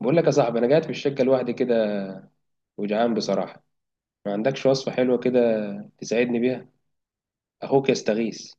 بقول لك يا صاحبي، انا قاعد في الشقه لوحدي كده، وجعان بصراحه. ما عندكش وصفه حلوه كده تساعدني بيها؟ اخوك يستغيث.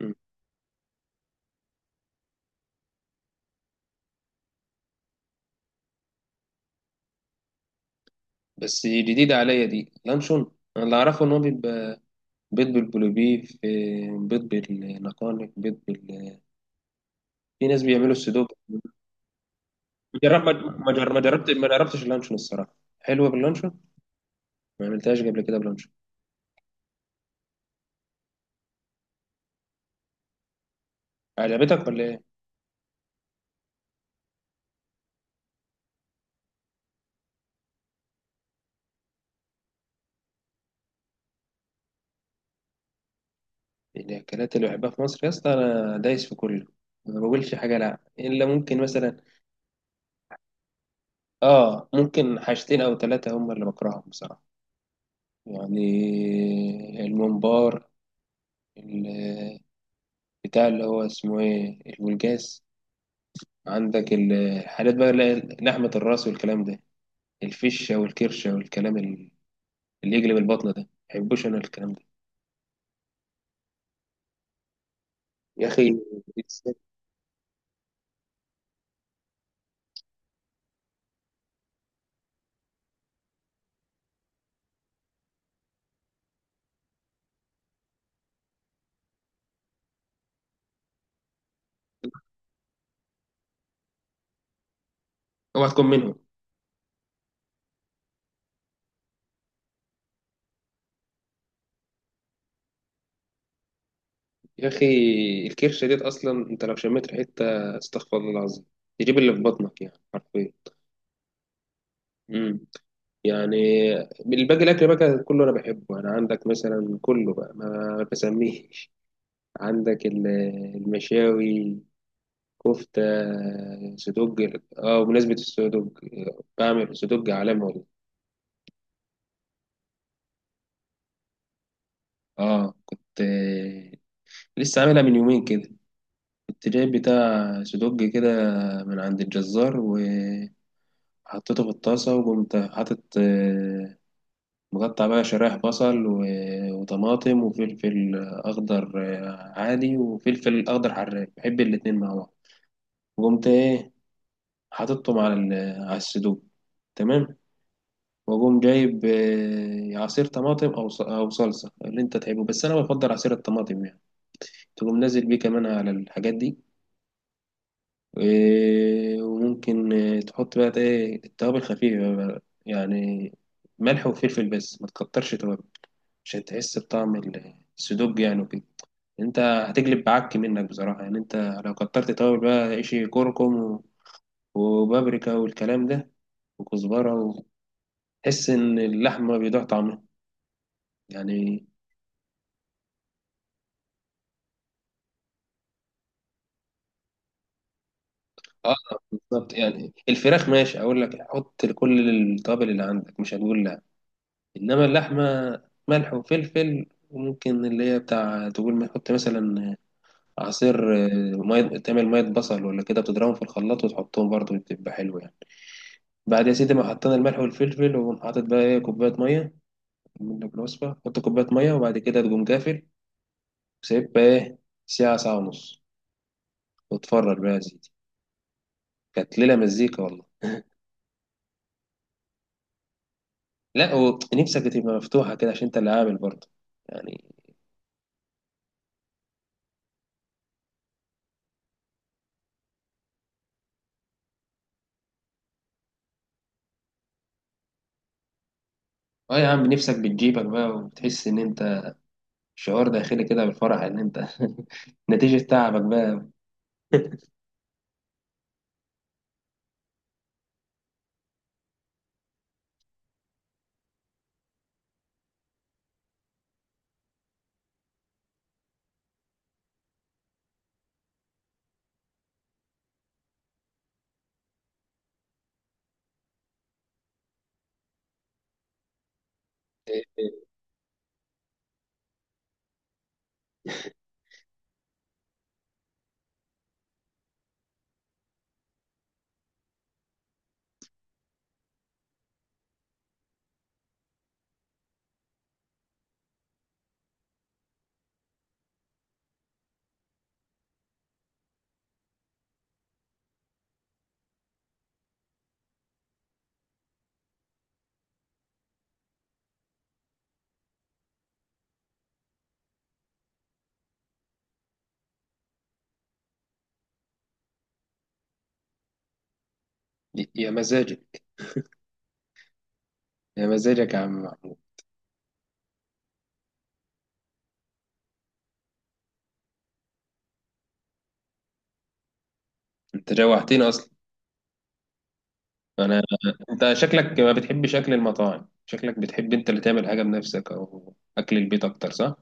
مم. بس جديده عليا دي لانشون. انا اللي اعرفه ان هو بيبقى بيض بالبلوبيف، بيض بالنقانق، بيض. في ناس بيعملوا السدوب. جرب ما جرب ما جربت ما جربتش اللانشون الصراحه. حلوه باللانشون؟ ما عملتهاش قبل كده بلانشون. عجبتك ولا ايه؟ الاكلات اللي بحبها في مصر يا اسطى انا دايس في كله، ما بقولش حاجه لا الا ممكن مثلا. اه ممكن حاجتين او ثلاثة هم اللي بكرههم بصراحة. يعني الممبار، ال- بتاع اللي هو اسمه ايه الولجاس. عندك الحاجات بقى اللي هي لحمة الراس والكلام ده، الفشة والكرشة والكلام اللي يجلب البطن ده. مبحبوش انا الكلام ده. يا اخي، اوعى تكون منهم. يا اخي، الكرشة ديت اصلا انت لو شميت ريحتها استغفر الله العظيم، تجيب اللي في بطنك يعني حرفيا. يعني الباقي الاكل بقى كان كله انا بحبه، انا عندك مثلا كله بقى ما بسميش. عندك المشاوي، كفته، صدق. اه بمناسبه الصدق، بعمل صدق عالمي والله. اه كنت لسه عاملها من يومين كده. كنت جايب بتاع صدق كده من عند الجزار وحطيته في الطاسه، وقمت حاطط مقطع بقى شرايح بصل وطماطم وفلفل أخضر. عادي، وفلفل أخضر حراق، بحب الاتنين مع بعض. وقمت إيه، حاططهم على على السدوق. تمام. وأقوم جايب عصير طماطم أو أو صلصة اللي أنت تحبه، بس أنا بفضل عصير الطماطم يعني. تقوم نازل بيه كمان على الحاجات دي. وممكن تحط بقى إيه التوابل خفيفة بقى، يعني ملح وفلفل بس، ما تكترش توابل، عشان تحس بطعم السدوج يعني وكده. انت هتجلب بعك منك بصراحة، يعني انت لو كترت توابل بقى عيشي كركم وبابريكا والكلام ده وكزبرة، وتحس ان اللحمة بيضيع طعمها يعني. اه بالظبط، يعني الفراخ ماشي اقول لك حط كل التوابل اللي عندك مش هتقول لا، انما اللحمة ملح وفلفل، وممكن اللي هي بتاع تقول ما تحط مثلا عصير مية، تعمل مية بصل ولا كده، بتضربهم في الخلاط وتحطهم برضه بتبقى حلوة يعني. بعد يا سيدي ما حطينا الملح والفلفل، وقوم حاطط بقى ايه كوباية مية. منك الوصفة، حط كوباية مية، وبعد كده تقوم قافل، وسايبها إيه ساعة، ساعة ونص، وتفرج بقى يا سيدي. كانت ليلة مزيكا والله. لا، ونفسك تبقى مفتوحة كده عشان أنت اللي عامل برضه يعني. أه يا عم، نفسك بتجيبك بقى، وبتحس إن أنت، شعور داخلي كده بالفرح إن أنت نتيجة تعبك بقى. يا مزاجك، يا مزاجك يا عم محمود. أنت جوعتني أصلا أنا. أنت شكلك ما بتحبش أكل المطاعم، شكلك بتحب أنت اللي تعمل حاجة بنفسك أو أكل البيت أكتر، صح؟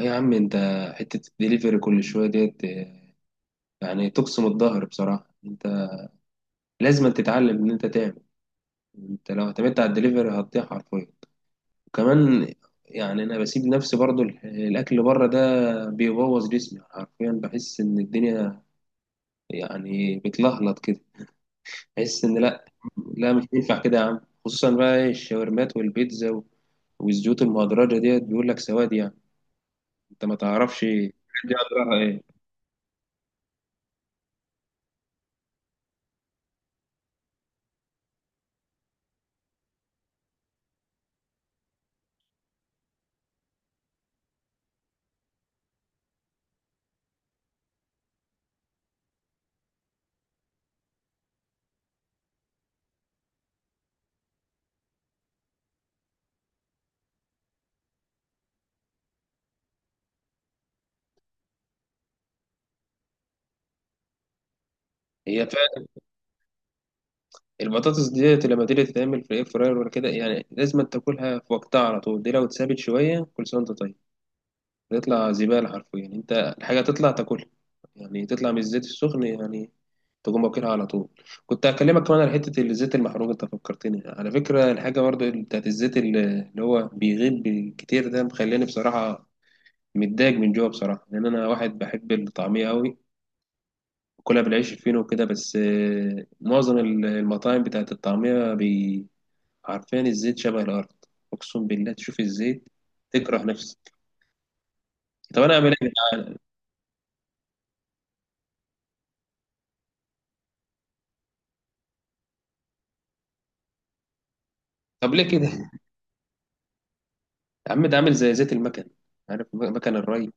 يا عم انت، حتة الدليفري كل شوية ديت يعني تقسم الظهر بصراحة. انت لازم تتعلم ان انت تعمل. انت لو اعتمدت على الدليفري هتضيع حرفيا. وكمان يعني انا بسيب نفسي برضو الاكل بره ده بيبوظ جسمي حرفيا، بحس ان الدنيا يعني بتلهلط كده. بحس ان لا، لا مش ينفع كده يا عم، خصوصا بقى ايه الشاورمات والبيتزا والزيوت المهدرجة ديت، بيقول لك سواد يعني، انت ما تعرفش دي اضرارها ايه. هي البطاطس ديت لما تيجي تتعمل في الاير فراير ولا كده يعني لازم تاكلها في وقتها على طول، دي لو اتسابت شويه كل سنه وانت طيب تطلع زباله حرفيا. يعني انت الحاجه تطلع تاكلها، يعني تطلع من الزيت السخن، يعني تقوم واكلها على طول. كنت هكلمك كمان على حته الزيت المحروق، انت فكرتني على فكره، الحاجه برضو بتاعت الزيت اللي هو بيغيب كتير ده مخليني بصراحه متضايق من جوه بصراحه، لان انا واحد بحب الطعميه قوي، كلها بالعيش الفينو وكده، بس معظم المطاعم بتاعت الطعميه عارفين الزيت شبه الارض. اقسم بالله تشوف الزيت تكره نفسك. طب انا اعمل ايه يا جدعان؟ طب ليه كده يا عم، ده عامل زي زيت المكن. عارف مكن الري.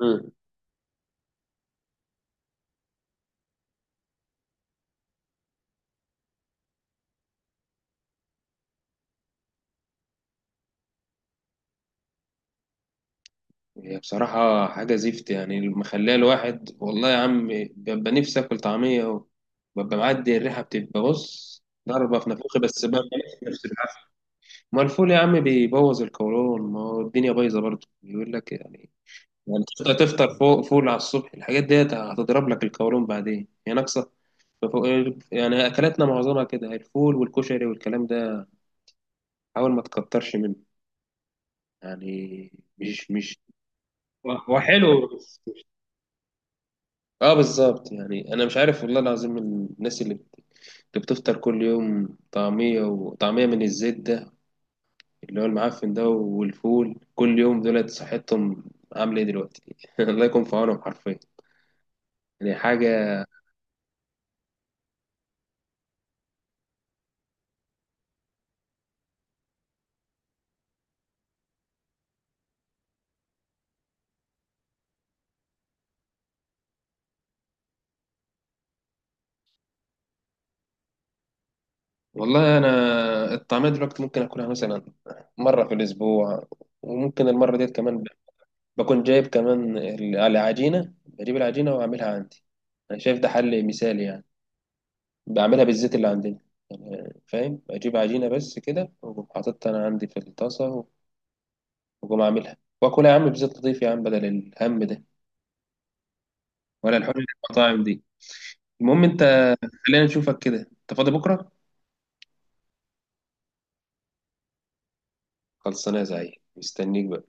مم. هي بصراحة حاجة زفت يعني، مخليها الواحد والله يا عم، ببقى نفسي آكل طعمية ببقى معدي، الريحة بتبقى بص، ضربة في نفوخي، بس ببقى نفسي نفسي بالعافية. ما الفول يا عم بيبوظ القولون، ما هو الدنيا بايظة برضه بيقول لك يعني، يعني تفطر تفطر فوق فول على الصبح الحاجات ديت هتضرب لك القولون بعدين هي يعني. ففوق- يعني اكلاتنا معظمها كده الفول والكشري والكلام ده، حاول ما تكترش منه يعني، مش هو هو حلو بس. اه بالظبط، يعني انا مش عارف والله العظيم الناس اللي بتفطر كل يوم طعمية وطعمية من الزيت ده، اللي هو المعفن ده، والفول كل يوم، دولت صحتهم عاملة ايه دلوقتي؟ الله يكون في عونهم حرفيا، يعني حاجة. والله أنا الطعمية دلوقتي ممكن آكلها مثلا مرة في الأسبوع، وممكن المرة ديت كمان بكون جايب كمان العجينة، بجيب العجينة وأعملها عندي. أنا شايف ده حل مثالي يعني، بعملها بالزيت اللي عندنا يعني، فاهم؟ أجيب عجينة بس كده، وأقوم حاططها أنا عندي في الطاسة، وأقوم أعملها وأكلها يا عم بزيت لطيف يا عم، بدل الهم ده، ولا الحوار اللي في المطاعم دي. المهم أنت، خلينا نشوفك كده، أنت فاضي بكرة؟ خلصانة يا زعيم، مستنيك بقى.